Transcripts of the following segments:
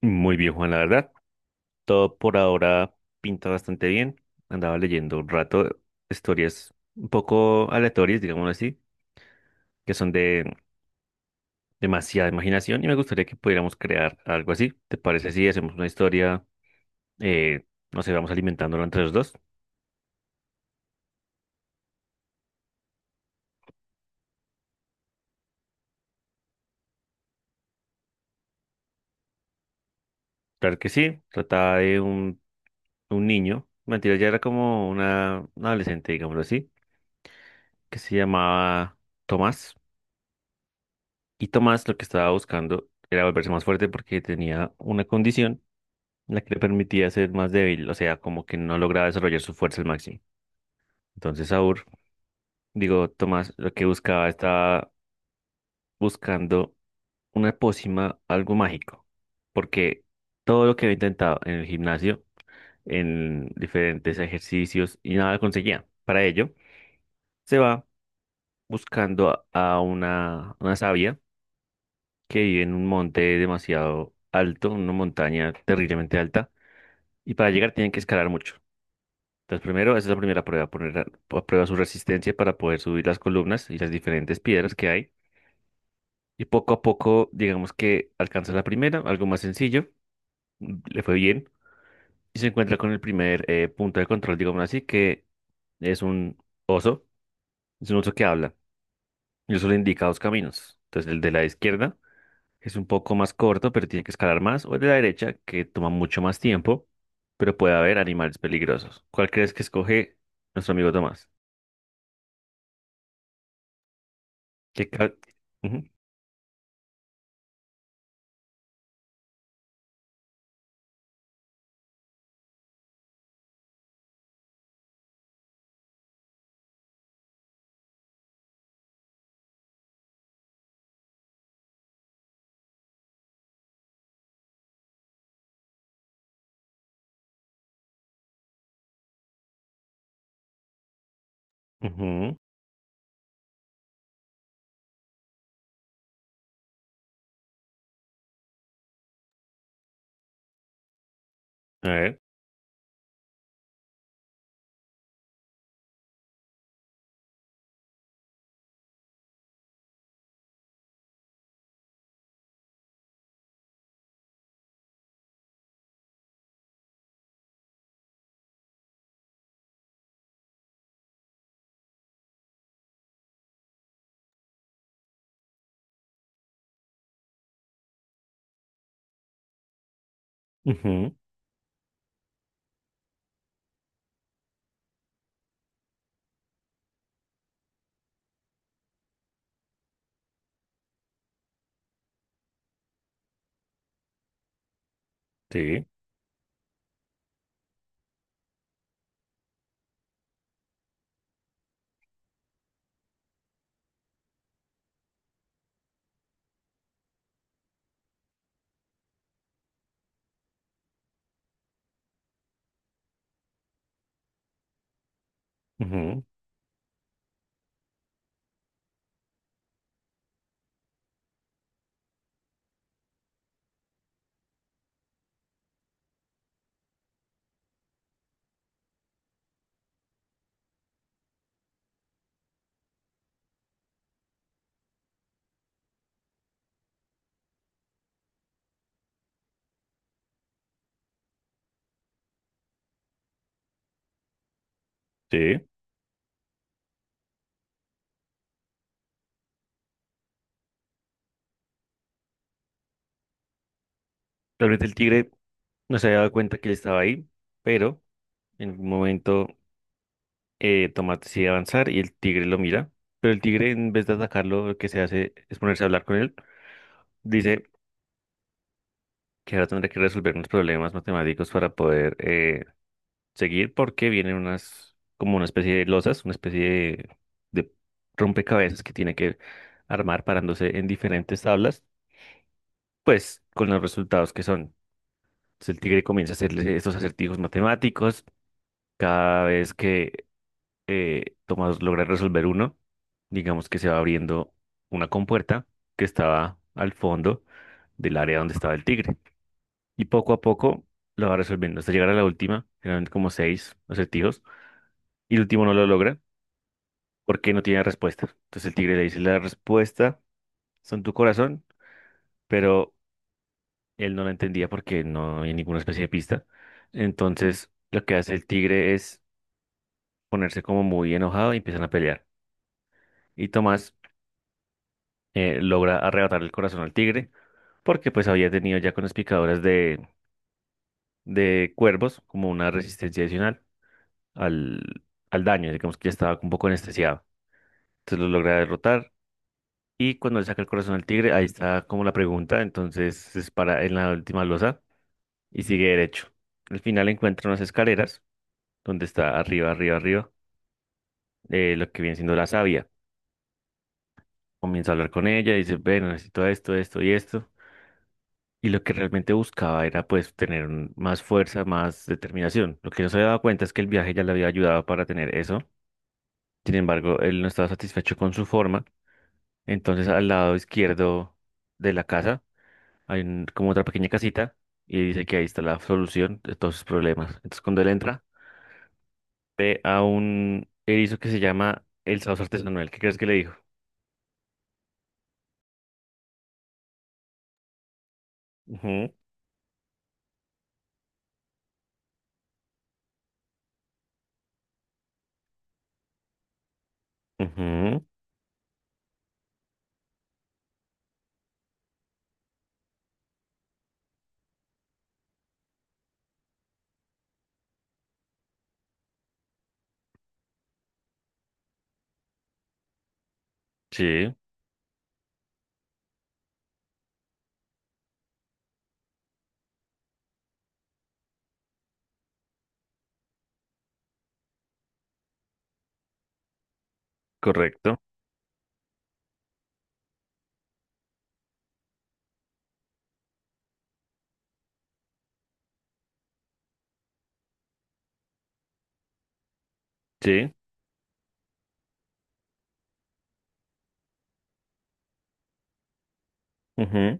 Muy bien, Juan, la verdad. Todo por ahora pinta bastante bien. Andaba leyendo un rato historias un poco aleatorias, digamos así, que son de demasiada imaginación y me gustaría que pudiéramos crear algo así. ¿Te parece si hacemos una historia, eh, no sé, vamos alimentándola entre los dos? Claro que sí. Trata de un niño, mentira, ya era como una adolescente, digámoslo así, que se llamaba Tomás. Y Tomás lo que estaba buscando era volverse más fuerte porque tenía una condición la que le permitía ser más débil, o sea, como que no lograba desarrollar su fuerza al máximo. Entonces, Tomás, lo que buscaba estaba buscando una pócima, algo mágico, porque todo lo que había intentado en el gimnasio, en diferentes ejercicios y nada conseguía. Para ello, se va buscando a, a una sabia que vive en un monte demasiado alto, una montaña terriblemente alta, y para llegar tienen que escalar mucho. Entonces, primero, esa es la primera prueba, poner a prueba su resistencia para poder subir las columnas y las diferentes piedras que hay. Y poco a poco, digamos que alcanza la primera, algo más sencillo, le fue bien, y se encuentra con el primer punto de control, digamos así, que es un oso, es un oso que habla, y eso le indica dos caminos. Entonces, el de la izquierda es un poco más corto, pero tiene que escalar más, o el de la derecha, que toma mucho más tiempo, pero puede haber animales peligrosos. ¿Cuál crees que escoge nuestro amigo Tomás? ¿Qué ca- Ujú. Ujú, a ver, ujú, sí, ujú, sí. Tal vez el tigre no se había dado cuenta que él estaba ahí, pero en un momento Tomás decide avanzar y el tigre lo mira. Pero el tigre, en vez de atacarlo, lo que se hace es ponerse a hablar con él. Dice que ahora tendrá que resolver unos problemas matemáticos para poder seguir, porque vienen unas, como una especie de losas, una especie de rompecabezas que tiene que armar parándose en diferentes tablas, pues con los resultados que son. Entonces el tigre comienza a hacerle estos acertijos matemáticos. Cada vez que Tomás logra resolver uno, digamos que se va abriendo una compuerta que estaba al fondo del área donde estaba el tigre. Y poco a poco lo va resolviendo hasta llegar a la última, generalmente como seis acertijos. Y el último no lo logra porque no tiene respuesta. Entonces el tigre le dice, la respuesta son tu corazón, pero él no la entendía porque no hay ninguna especie de pista. Entonces lo que hace el tigre es ponerse como muy enojado y empiezan a pelear. Y Tomás logra arrebatar el corazón al tigre porque pues había tenido ya con las picadoras de cuervos como una resistencia adicional al, al daño, digamos que ya estaba un poco anestesiado. Entonces lo logra derrotar y cuando le saca el corazón al tigre, ahí está como la pregunta, entonces se para en la última losa y sigue derecho. Al final encuentra unas escaleras donde está arriba, arriba, arriba, lo que viene siendo la savia. Comienza a hablar con ella, dice, bueno, necesito esto, esto y esto. Y lo que realmente buscaba era pues tener más fuerza, más determinación. Lo que no se había dado cuenta es que el viaje ya le había ayudado para tener eso. Sin embargo, él no estaba satisfecho con su forma. Entonces, al lado izquierdo de la casa hay como otra pequeña casita y dice que ahí está la solución de todos sus problemas. Entonces, cuando él entra, ve a un erizo que se llama el sauce artesanal. ¿Qué crees que le dijo? Ujú, ujú, sí, correcto. Sí, ujú,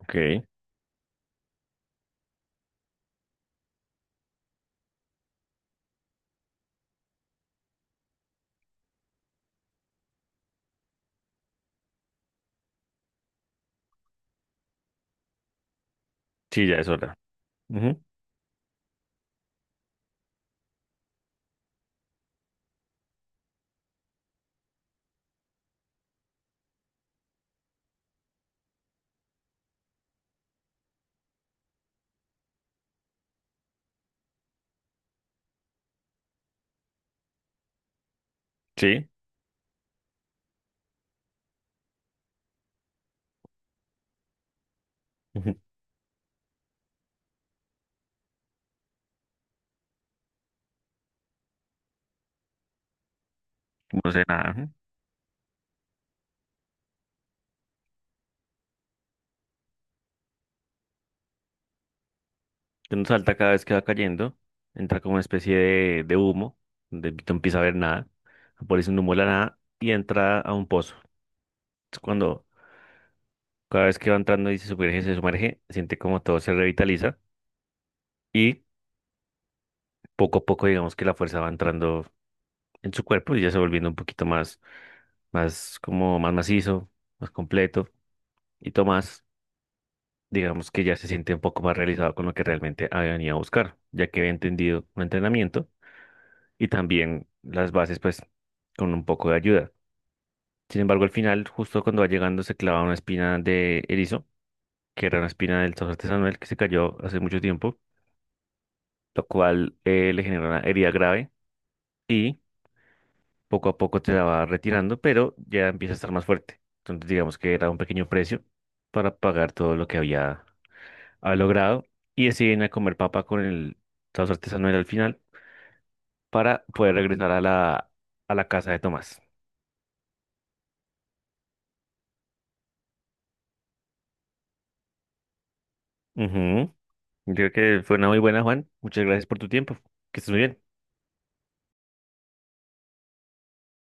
ok. Sí, ya es hora. Ujú, sí. No sé nada. Ujú. Uno salta cada vez que va cayendo, entra como una especie de humo, donde no empieza a ver nada, aparece un humo de la nada y entra a un pozo. Es cuando cada vez que va entrando y se sumerge, siente como todo se revitaliza y poco a poco digamos que la fuerza va entrando en su cuerpo y ya se va volviendo un poquito más, más como más macizo, más completo y Tomás digamos que ya se siente un poco más realizado con lo que realmente había venido a buscar, ya que había entendido un entrenamiento y también las bases pues con un poco de ayuda. Sin embargo, al final, justo cuando va llegando, se clava una espina de erizo, que era una espina del sauce artesanal que se cayó hace mucho tiempo, lo cual le generó una herida grave y poco a poco te la va retirando, pero ya empieza a estar más fuerte. Entonces, digamos que era un pequeño precio para pagar todo lo que había logrado y deciden a comer papa con el sauce artesanal al final para poder regresar a a la casa de Tomás. Ujú. Creo que fue una muy buena, Juan. Muchas gracias por tu tiempo. Que estés muy bien.